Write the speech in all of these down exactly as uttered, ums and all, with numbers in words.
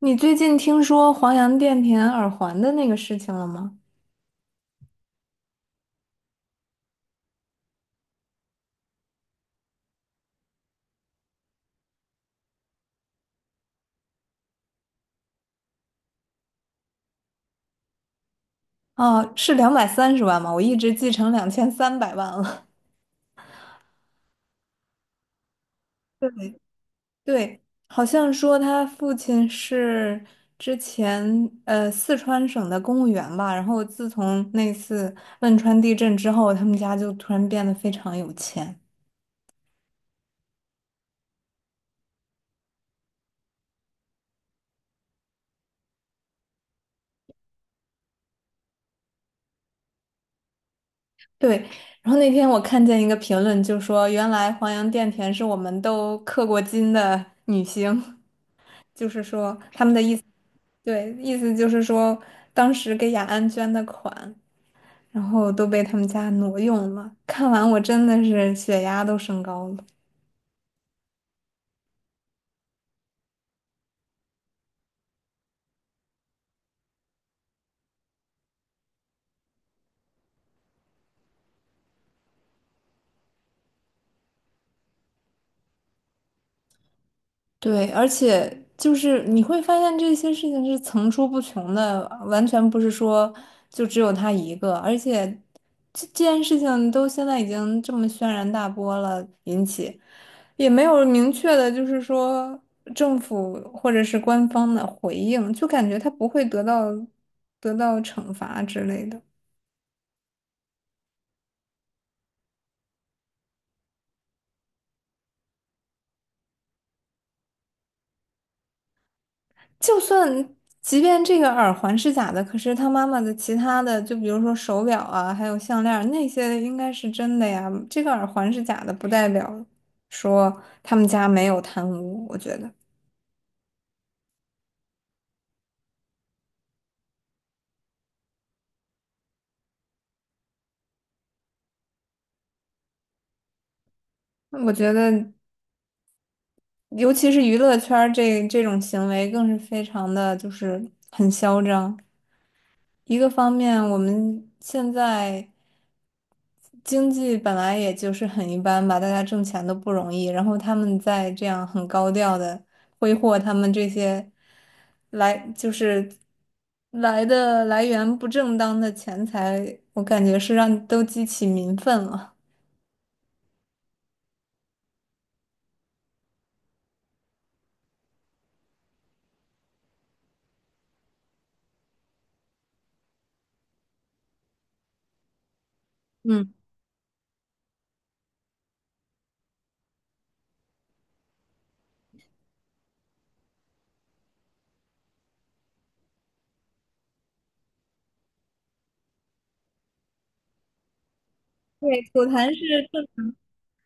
你最近听说黄洋钿甜耳环的那个事情了吗？哦，是两百三十万吗？我一直记成两千三百万了。对对，好像说他父亲是之前呃四川省的公务员吧，然后自从那次汶川地震之后，他们家就突然变得非常有钱。对，然后那天我看见一个评论，就说原来黄洋钿甜是我们都刻过金的女星，就是说。对，意思就是说，当时给雅安捐的款，然后都被他们家挪用了。看完我真的是血压都升高了。对，而且就是你会发现这些事情是层出不穷的，完全不是说就只有他一个。而且这这件事情都现在已经这么轩然大波了，引起也没有明确的，就是说政府或者是官方的回应，就感觉他不会得到得到惩罚之类的。就算即便这个耳环是假的，可是他妈妈的其他的，就比如说手表啊，还有项链儿那些应该是真的呀。这个耳环是假的，不代表说他们家没有贪污。我觉得，我觉得，尤其是娱乐圈儿这这种行为，更是非常的就是很嚣张。一个方面，我们现在，经济本来也就是很一般吧，大家挣钱都不容易，然后他们在这样很高调的挥霍他们这些来就是来的来源不正当的钱财，我感觉是让都激起民愤了。嗯，对，吐痰是正，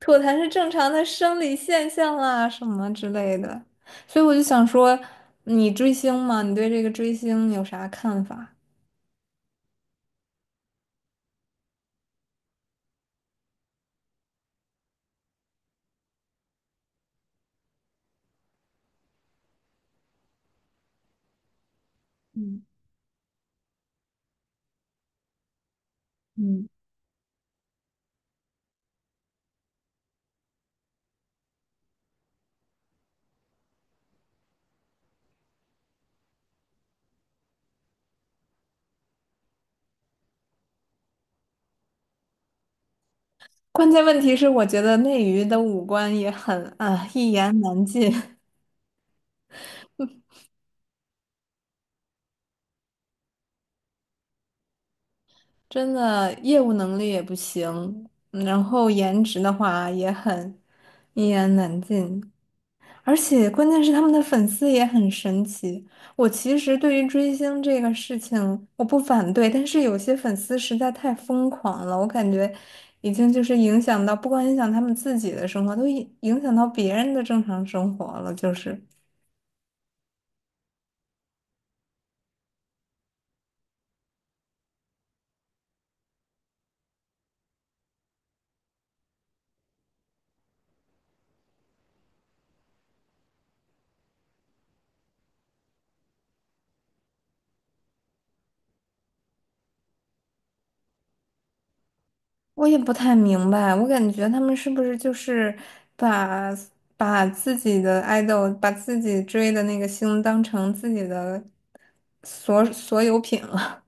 吐痰是正常的生理现象啊，什么之类的。所以我就想说，你追星吗？你对这个追星有啥看法？嗯。嗯。关键问题是，我觉得内娱的五官也很啊，一言难尽，真的业务能力也不行，嗯然后颜值的话也很一言难尽，而且关键是他们的粉丝也很神奇。我其实对于追星这个事情我不反对，但是有些粉丝实在太疯狂了，我感觉已经就是影响到，不光影响他们自己的生活，都影影响到别人的正常生活了，就是。我也不太明白，我感觉他们是不是就是把把自己的爱豆，把自己追的那个星当成自己的所所有品了？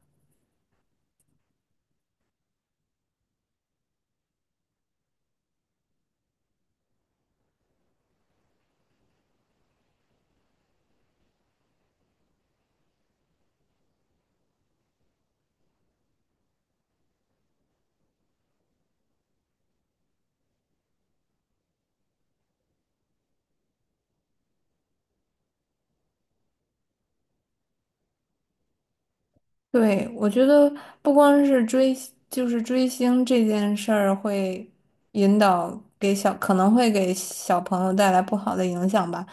对，我觉得不光是追，就是追星这件事儿会引导给小，可能会给小朋友带来不好的影响吧。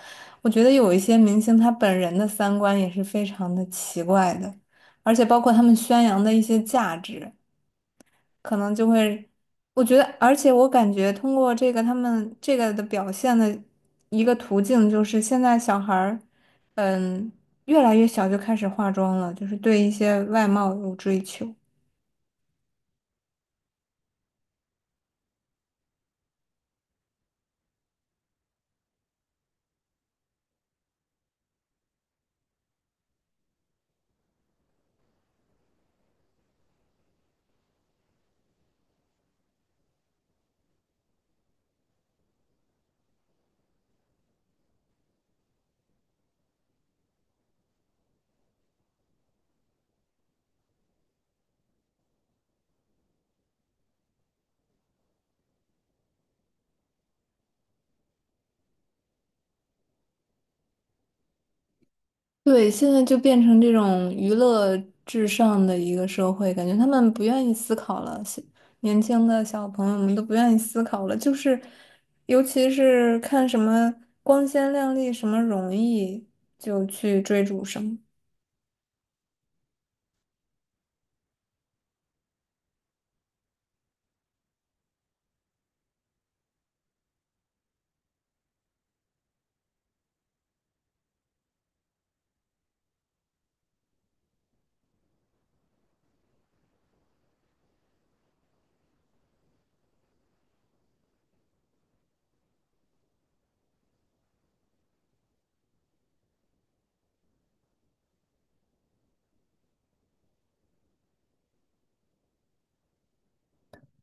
我觉得有一些明星他本人的三观也是非常的奇怪的，而且包括他们宣扬的一些价值。可能就会，我觉得，而且我感觉通过这个他们这个的表现的一个途径，就是现在小孩儿，嗯，越来越小就开始化妆了，就是对一些外貌有追求。对，现在就变成这种娱乐至上的一个社会，感觉他们不愿意思考了，小年轻的小朋友们都不愿意思考了，就是，尤其是看什么光鲜亮丽、什么容易，就去追逐什么。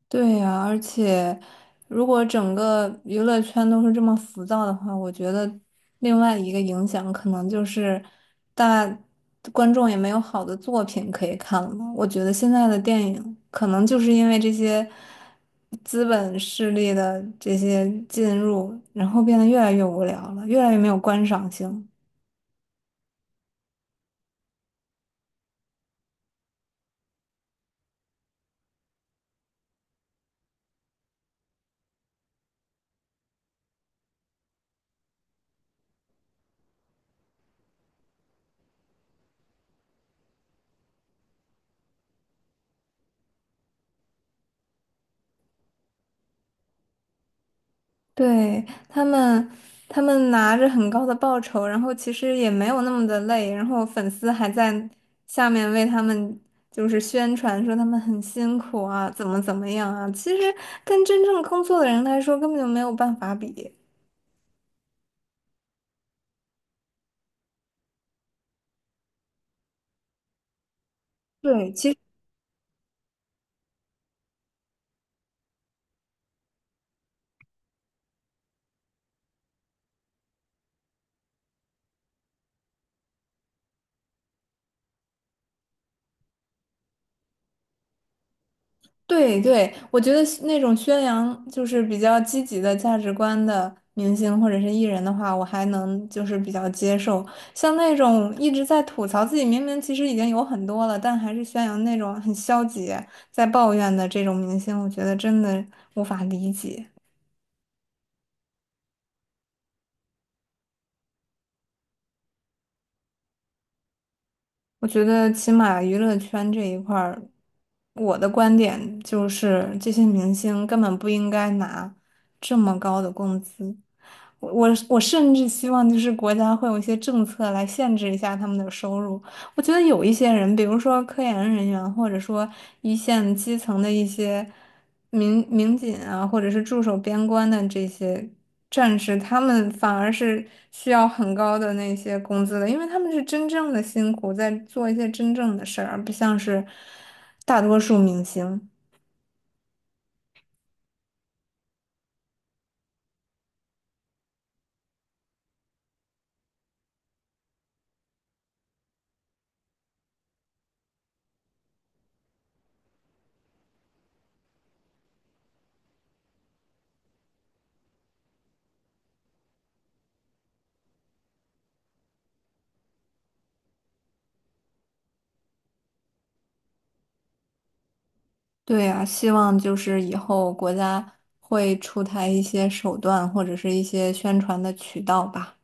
对呀，而且如果整个娱乐圈都是这么浮躁的话，我觉得另外一个影响可能就是大观众也没有好的作品可以看了。我觉得现在的电影可能就是因为这些资本势力的这些进入，然后变得越来越无聊了，越来越没有观赏性。对，他们，他们拿着很高的报酬，然后其实也没有那么的累，然后粉丝还在下面为他们就是宣传说他们很辛苦啊，怎么怎么样啊，其实跟真正工作的人来说根本就没有办法比。对，其。对对，我觉得是那种宣扬就是比较积极的价值观的明星或者是艺人的话，我还能就是比较接受。像那种一直在吐槽自己明明其实已经有很多了，但还是宣扬那种很消极、在抱怨的这种明星，我觉得真的无法理解。我觉得起码娱乐圈这一块儿，我的观点就是这些明星根本不应该拿这么高的工资。我我我甚至希望就是国家会有一些政策来限制一下他们的收入。我觉得有一些人，比如说科研人员，或者说一线基层的一些，民民警啊，或者是驻守边关的这些战士，他们反而是需要很高的那些工资的，因为他们是真正的辛苦，在做一些真正的事儿，而不像是大多数明星。对啊，希望就是以后国家会出台一些手段，或者是一些宣传的渠道吧。